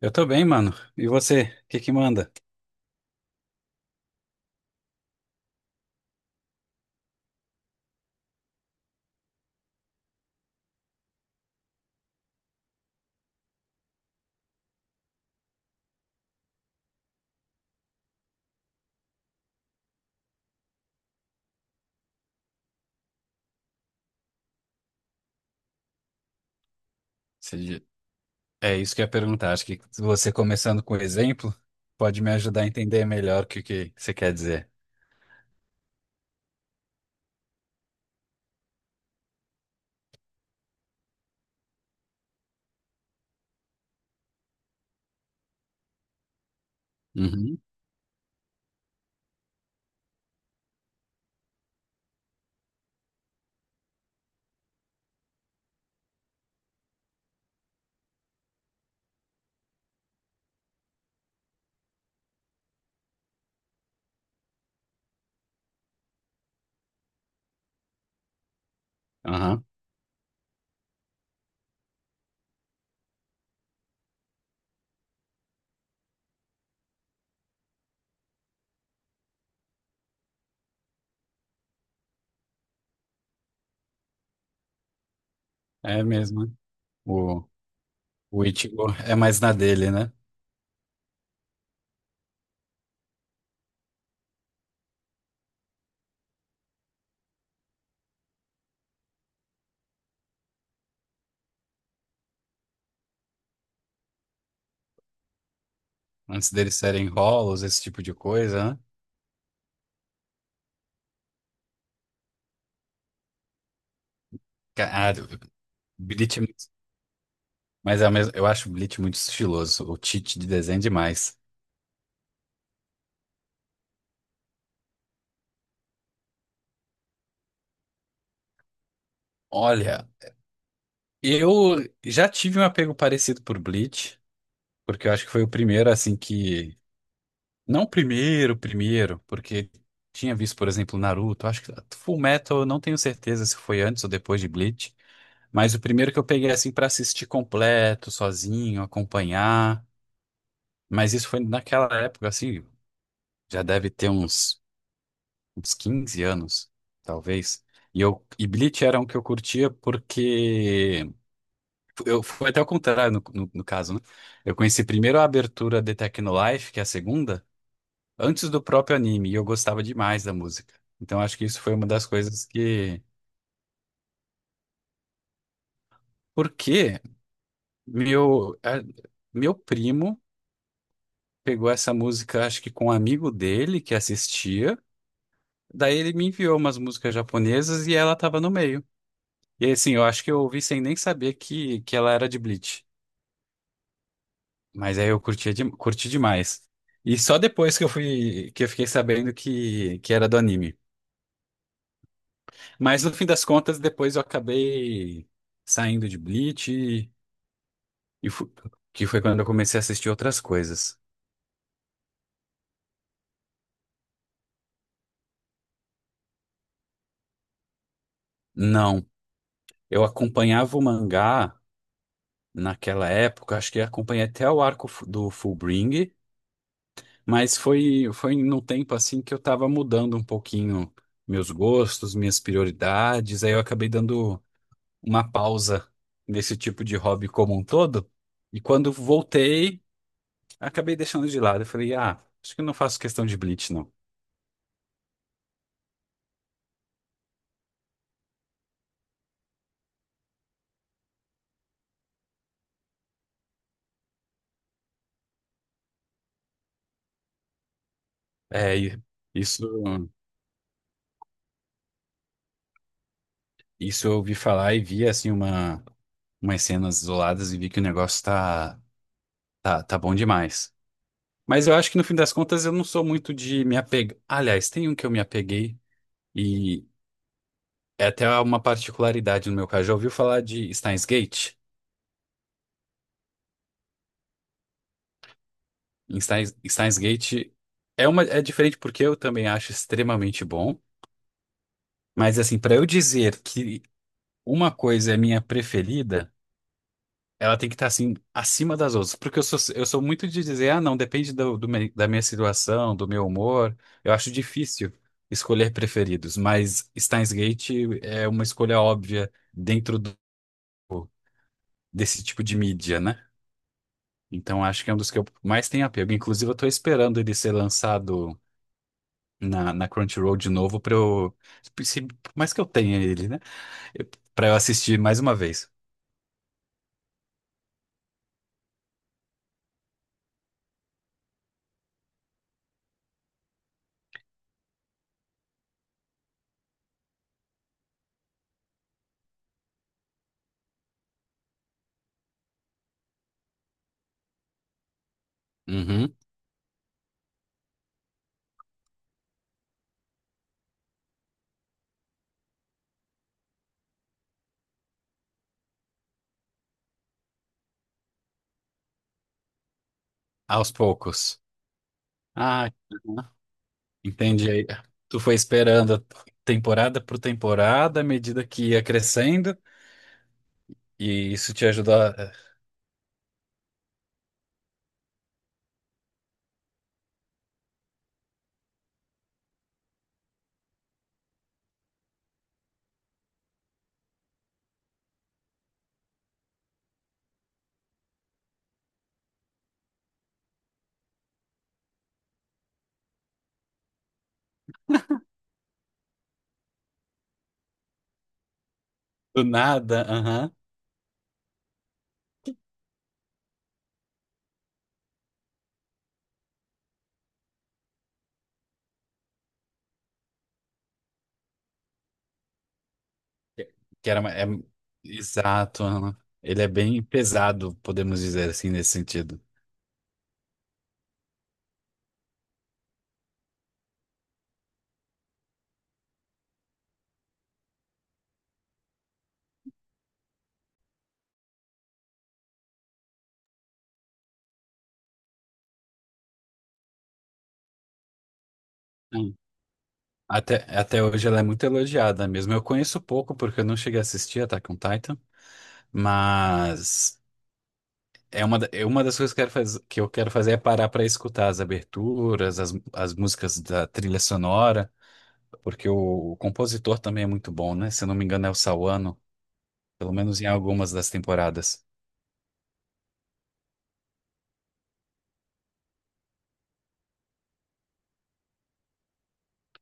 Eu tô bem, mano. E você? O que que manda? Se- É isso que eu ia perguntar. Acho que você começando com o exemplo pode me ajudar a entender melhor o que que você quer dizer. Uhum. Aham. É mesmo, né? O, o Ichigo é mais na dele, né? Antes deles serem rolos, esse tipo de coisa, né? Ah, Bleach é muito. Mas é o mesmo. Eu acho o Bleach muito estiloso. O Tite de desenho é demais. Olha, eu já tive um apego parecido por Bleach, porque eu acho que foi o primeiro, assim, que. Não o primeiro, primeiro, porque tinha visto, por exemplo, Naruto. Acho que Full Metal, eu não tenho certeza se foi antes ou depois de Bleach. Mas o primeiro que eu peguei, assim, pra assistir completo, sozinho, acompanhar. Mas isso foi naquela época, assim, já deve ter uns 15 anos, talvez. E Bleach era um que eu curtia porque. Foi até o contrário no caso, né? Eu conheci primeiro a abertura de Technolife, que é a segunda, antes do próprio anime, e eu gostava demais da música. Então acho que isso foi uma das coisas que. Porque meu, a- meu primo pegou essa música, acho que com um amigo dele que assistia, daí ele me enviou umas músicas japonesas e ela tava no meio. E assim, eu acho que eu ouvi sem nem saber que ela era de Bleach. Mas aí eu curti demais. E só depois que eu fui, que eu fiquei sabendo que era do anime. Mas no fim das contas, depois eu acabei saindo de Bleach, e fu- que foi quando eu comecei a assistir outras coisas. Não, eu acompanhava o mangá naquela época, acho que acompanhei até o arco do Fullbring, mas foi num tempo assim que eu tava mudando um pouquinho meus gostos, minhas prioridades, aí eu acabei dando uma pausa desse tipo de hobby como um todo. E quando voltei, acabei deixando de lado. Eu falei, ah, acho que eu não faço questão de Bleach, não. É, e isso, isso eu ouvi falar e vi, assim, uma, umas cenas isoladas e vi que o negócio tá, tá bom demais. Mas eu acho que no fim das contas eu não sou muito de me apegar. Aliás, tem um que eu me apeguei e é até uma particularidade no meu caso. Já ouviu falar de Steins Gate? Em Steins Gate é uma é diferente porque eu também acho extremamente bom, mas assim, para eu dizer que uma coisa é minha preferida, ela tem que estar assim acima das outras, porque eu sou muito de dizer, ah, não, depende da minha situação, do meu humor. Eu acho difícil escolher preferidos, mas Steins Gate é uma escolha óbvia dentro desse tipo de mídia, né? Então acho que é um dos que eu mais tenho apego. Inclusive, eu tô esperando ele ser lançado na Crunchyroll de novo pra eu. Se, por mais que eu tenha ele, né? Eu- Pra eu assistir mais uma vez. Uhum. Aos poucos. Ah, uhum, entendi. Aí, tu foi esperando temporada por temporada, à medida que ia crescendo, e isso te ajudou. Do nada. Aham. Que era. É. Exato. Aham. Ele é bem pesado, podemos dizer assim, nesse sentido. Hum. Até hoje ela é muito elogiada mesmo. Eu conheço pouco porque eu não cheguei a assistir Attack on Titan. Mas é uma das coisas que eu quero fazer, é parar para escutar as aberturas, as músicas da trilha sonora, porque o compositor também é muito bom, né? Se eu não me engano, é o Sawano, pelo menos em algumas das temporadas.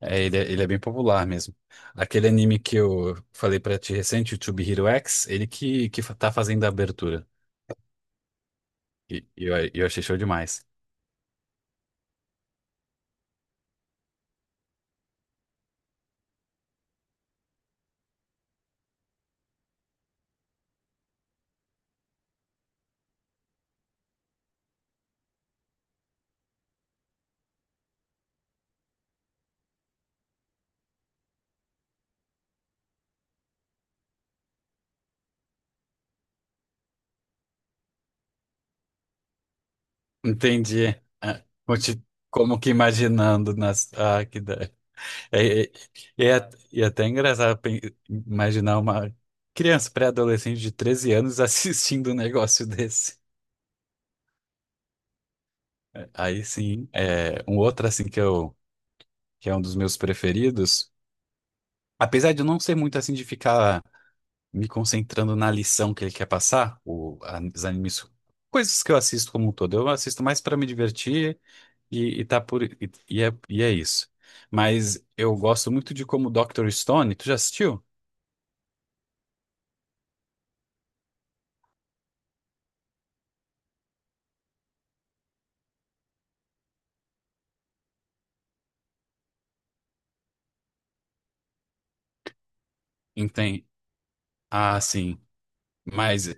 É, ele é bem popular mesmo. Aquele anime que eu falei para ti recente, o Tube Hero X, ele tá fazendo a abertura. E eu achei show demais. Entendi. Ah, como que imaginando nas. Ah, que da. É, é, e é até engraçado imaginar uma criança pré-adolescente de 13 anos assistindo um negócio desse. Aí sim, um outro assim que é um dos meus preferidos, apesar de eu não ser muito assim de ficar me concentrando na lição que ele quer passar, os animes, coisas que eu assisto como um todo, eu assisto mais para me divertir e tá por e é isso. Mas eu gosto muito de como Dr. Stone, tu já assistiu? Entende? Ah, sim. Mas,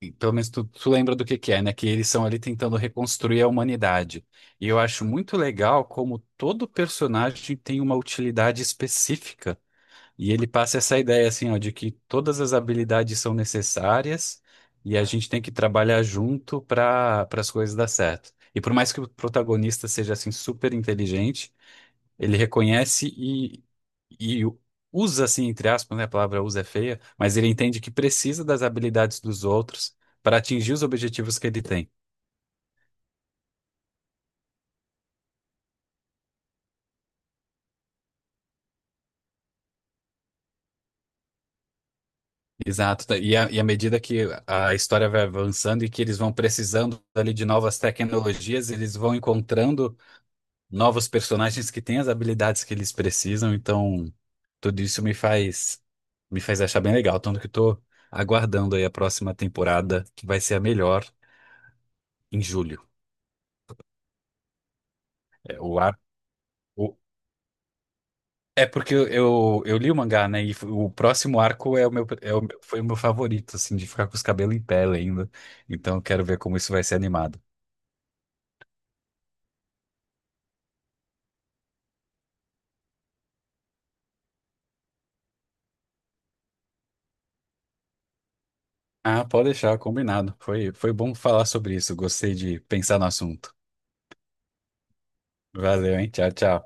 e pelo menos tu lembra do que é, né? Que eles são ali tentando reconstruir a humanidade. E eu acho muito legal como todo personagem tem uma utilidade específica. E ele passa essa ideia, assim, ó, de que todas as habilidades são necessárias e a gente tem que trabalhar junto para as coisas dar certo. E por mais que o protagonista seja, assim, super inteligente, ele reconhece e usa, assim, entre aspas, né? A palavra usa é feia, mas ele entende que precisa das habilidades dos outros para atingir os objetivos que ele tem. Exato. Tá, e à medida que a história vai avançando e que eles vão precisando ali de novas tecnologias, eles vão encontrando novos personagens que têm as habilidades que eles precisam. Então, tudo isso me faz achar bem legal. Tanto que estou aguardando aí a próxima temporada, que vai ser a melhor em julho. É, o ar. O É porque eu li o mangá, né? O próximo arco foi o meu favorito, assim, de ficar com os cabelos em pé ainda. Então eu quero ver como isso vai ser animado. Ah, pode deixar, combinado. Foi bom falar sobre isso. Gostei de pensar no assunto. Valeu, hein? Tchau, tchau.